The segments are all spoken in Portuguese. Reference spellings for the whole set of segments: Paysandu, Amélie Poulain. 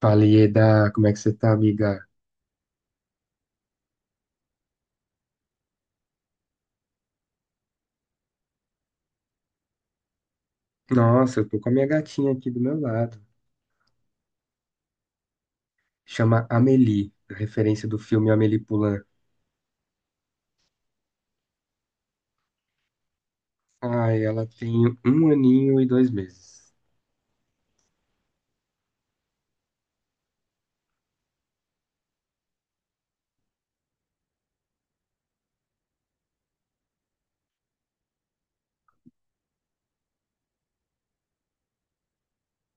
Falei, Eda, como é que você tá, amiga? Nossa, eu tô com a minha gatinha aqui do meu lado. Chama Amélie, a referência do filme Amélie Poulain. Ai, ela tem um aninho e 2 meses.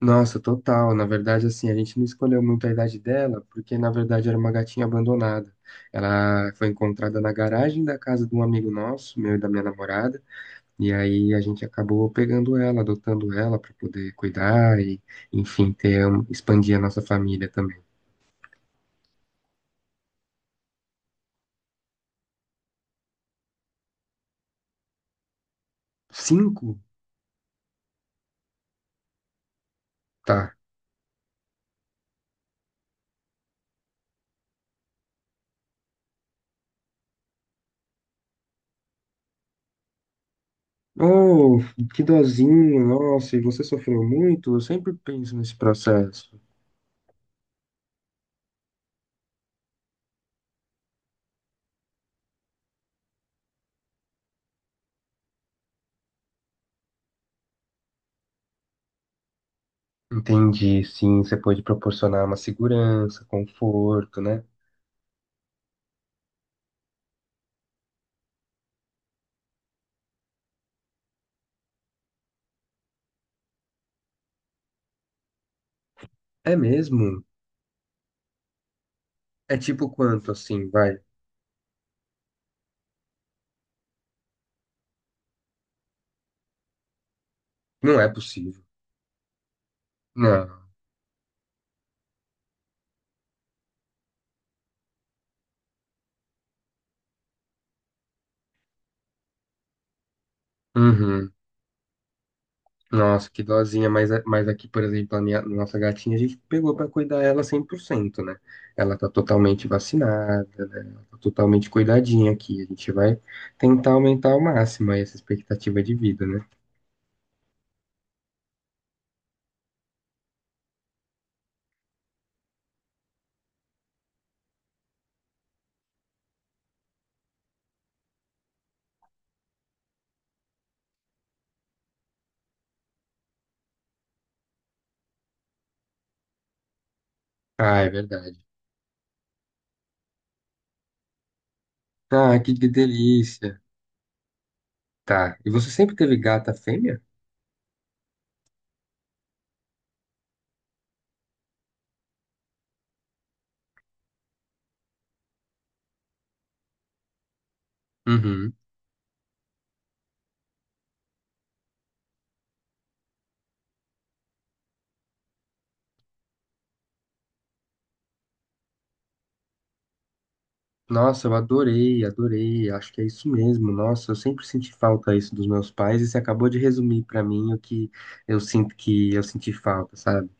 Nossa, total. Na verdade, assim, a gente não escolheu muito a idade dela, porque na verdade era uma gatinha abandonada. Ela foi encontrada na garagem da casa de um amigo nosso, meu e da minha namorada. E aí a gente acabou pegando ela, adotando ela para poder cuidar e, enfim, ter, expandir a nossa família também. Cinco? Tá. Oh, que dozinho, nossa, e você sofreu muito? Eu sempre penso nesse processo. Entendi, sim, você pode proporcionar uma segurança, conforto, né? É mesmo? É tipo quanto, assim, vai? Não é possível. Não. Uhum. Nossa, que dozinha, mas, mas aqui, por exemplo, nossa gatinha, a gente pegou pra cuidar ela 100%, né? Ela tá totalmente vacinada, né? Ela tá totalmente cuidadinha aqui. A gente vai tentar aumentar ao máximo aí essa expectativa de vida, né? Ah, é verdade. Ah, que delícia. Tá. E você sempre teve gata fêmea? Uhum. Nossa, eu adorei, adorei. Acho que é isso mesmo. Nossa, eu sempre senti falta isso dos meus pais e você acabou de resumir pra mim o que eu sinto que eu senti falta, sabe?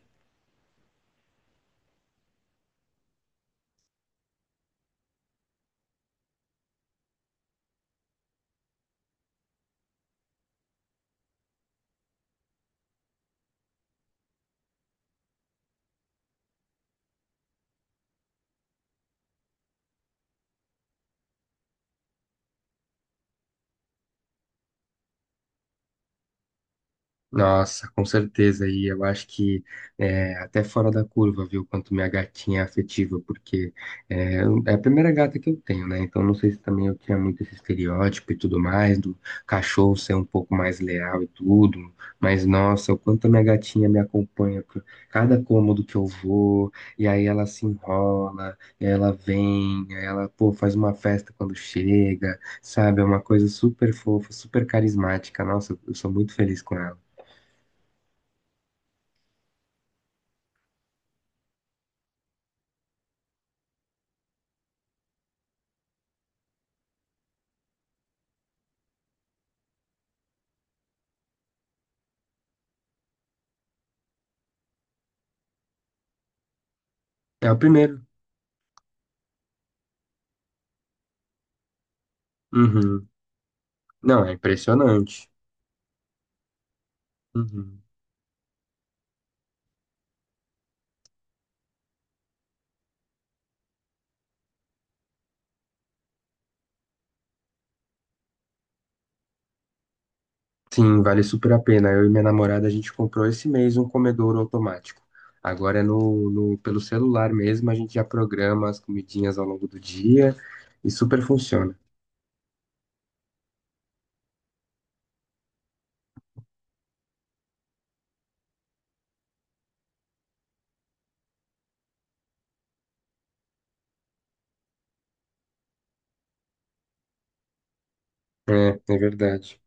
Nossa, com certeza. E eu acho que é, até fora da curva, viu, quanto minha gatinha é afetiva, porque é, é a primeira gata que eu tenho, né? Então não sei se também eu tinha muito esse estereótipo e tudo mais, do cachorro ser um pouco mais leal e tudo. Mas nossa, o quanto a minha gatinha me acompanha por cada cômodo que eu vou, e aí ela se enrola, e aí ela vem, e aí ela, pô, faz uma festa quando chega, sabe? É uma coisa super fofa, super carismática. Nossa, eu sou muito feliz com ela. É o primeiro. Uhum. Não, é impressionante. Uhum. Sim, vale super a pena. Eu e minha namorada, a gente comprou esse mês um comedouro automático. Agora é pelo celular mesmo, a gente já programa as comidinhas ao longo do dia e super funciona. É, é verdade.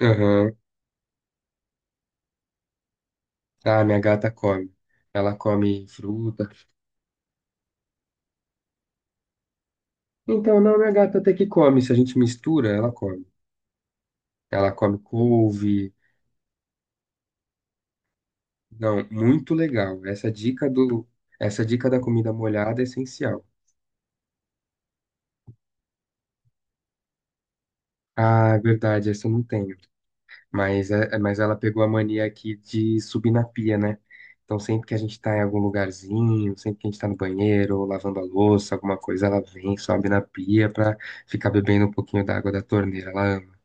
Aham. Ah, minha gata come. Ela come fruta. Então, não, minha gata até que come. Se a gente mistura, ela come. Ela come couve. Não, muito legal. Essa dica da comida molhada é essencial. Ah, é verdade, essa eu não tenho. Mas, é, é, mas ela pegou a mania aqui de subir na pia, né? Então sempre que a gente tá em algum lugarzinho, sempre que a gente tá no banheiro, ou lavando a louça, alguma coisa, ela vem, sobe na pia pra ficar bebendo um pouquinho da água da torneira. Ela ama.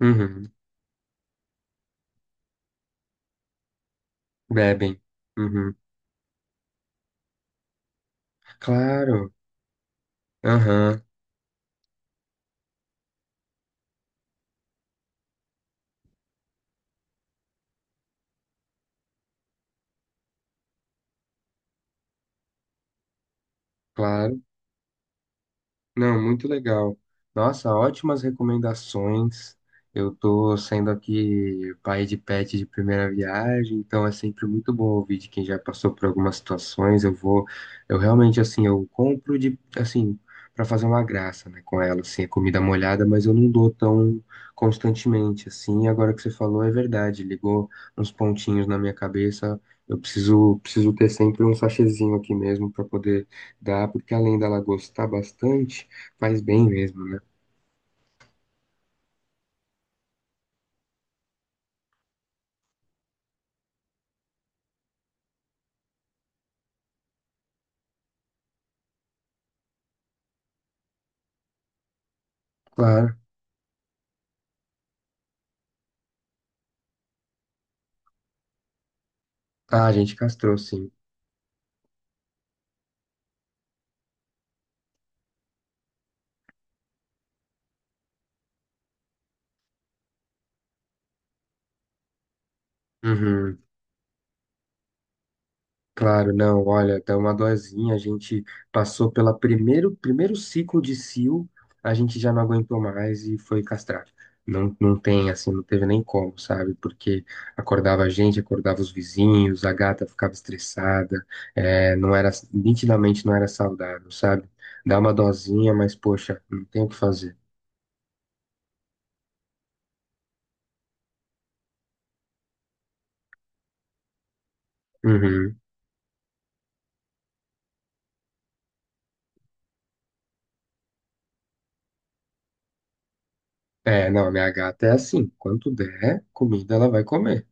Uhum. Bebem. Uhum. Claro. Aham. Claro. Não, muito legal. Nossa, ótimas recomendações. Eu tô sendo aqui pai de pet de primeira viagem, então é sempre muito bom ouvir de quem já passou por algumas situações. Eu vou, eu realmente assim, eu compro de assim para fazer uma graça, né, com ela, assim, a comida molhada, mas eu não dou tão constantemente assim. Agora que você falou, é verdade, ligou uns pontinhos na minha cabeça. Eu preciso ter sempre um sachêzinho aqui mesmo para poder dá, porque além dela gostar bastante, faz bem mesmo, né? Claro. Ah, a gente castrou, sim. Uhum. Claro, não, olha, dá uma dorzinha. A gente passou pelo primeiro ciclo de cio, a gente já não aguentou mais e foi castrar. Não, não tem, assim, não teve nem como, sabe? Porque acordava a gente, acordava os vizinhos, a gata ficava estressada, é, não era, nitidamente não era saudável, sabe? Dá uma dosinha, mas poxa, não tem o que fazer. Uhum. É, não, minha gata é assim. Quando der comida, ela vai comer.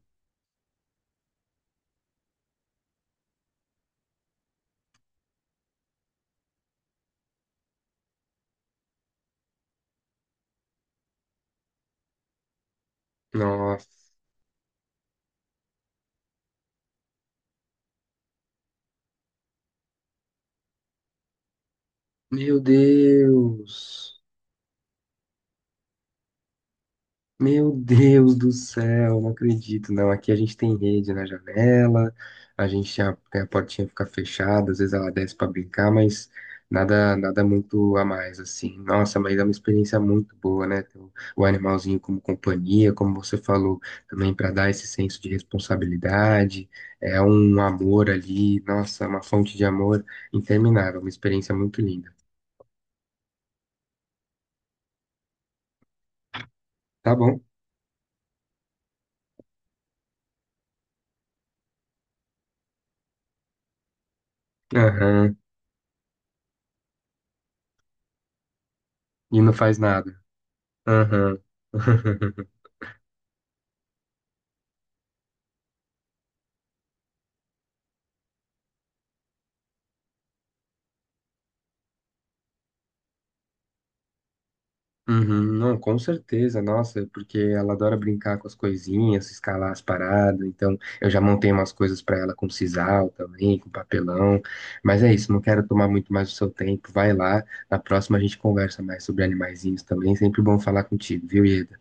Nossa. Meu Deus. Meu Deus do céu, não acredito, não. Aqui a gente tem rede na janela, a portinha fica fechada, às vezes ela desce pra brincar, mas nada nada muito a mais assim. Nossa, mas é uma experiência muito boa, né? Ter o animalzinho como companhia, como você falou, também para dar esse senso de responsabilidade, é um amor ali, nossa, uma fonte de amor interminável, uma experiência muito linda. Tá bom? Aham. E não faz nada. Aham. Uhum, não, com certeza, nossa, porque ela adora brincar com as coisinhas, escalar as paradas, então eu já montei umas coisas pra ela com sisal também, com papelão, mas é isso, não quero tomar muito mais o seu tempo, vai lá, na próxima a gente conversa mais sobre animaizinhos também, sempre bom falar contigo, viu, Ieda?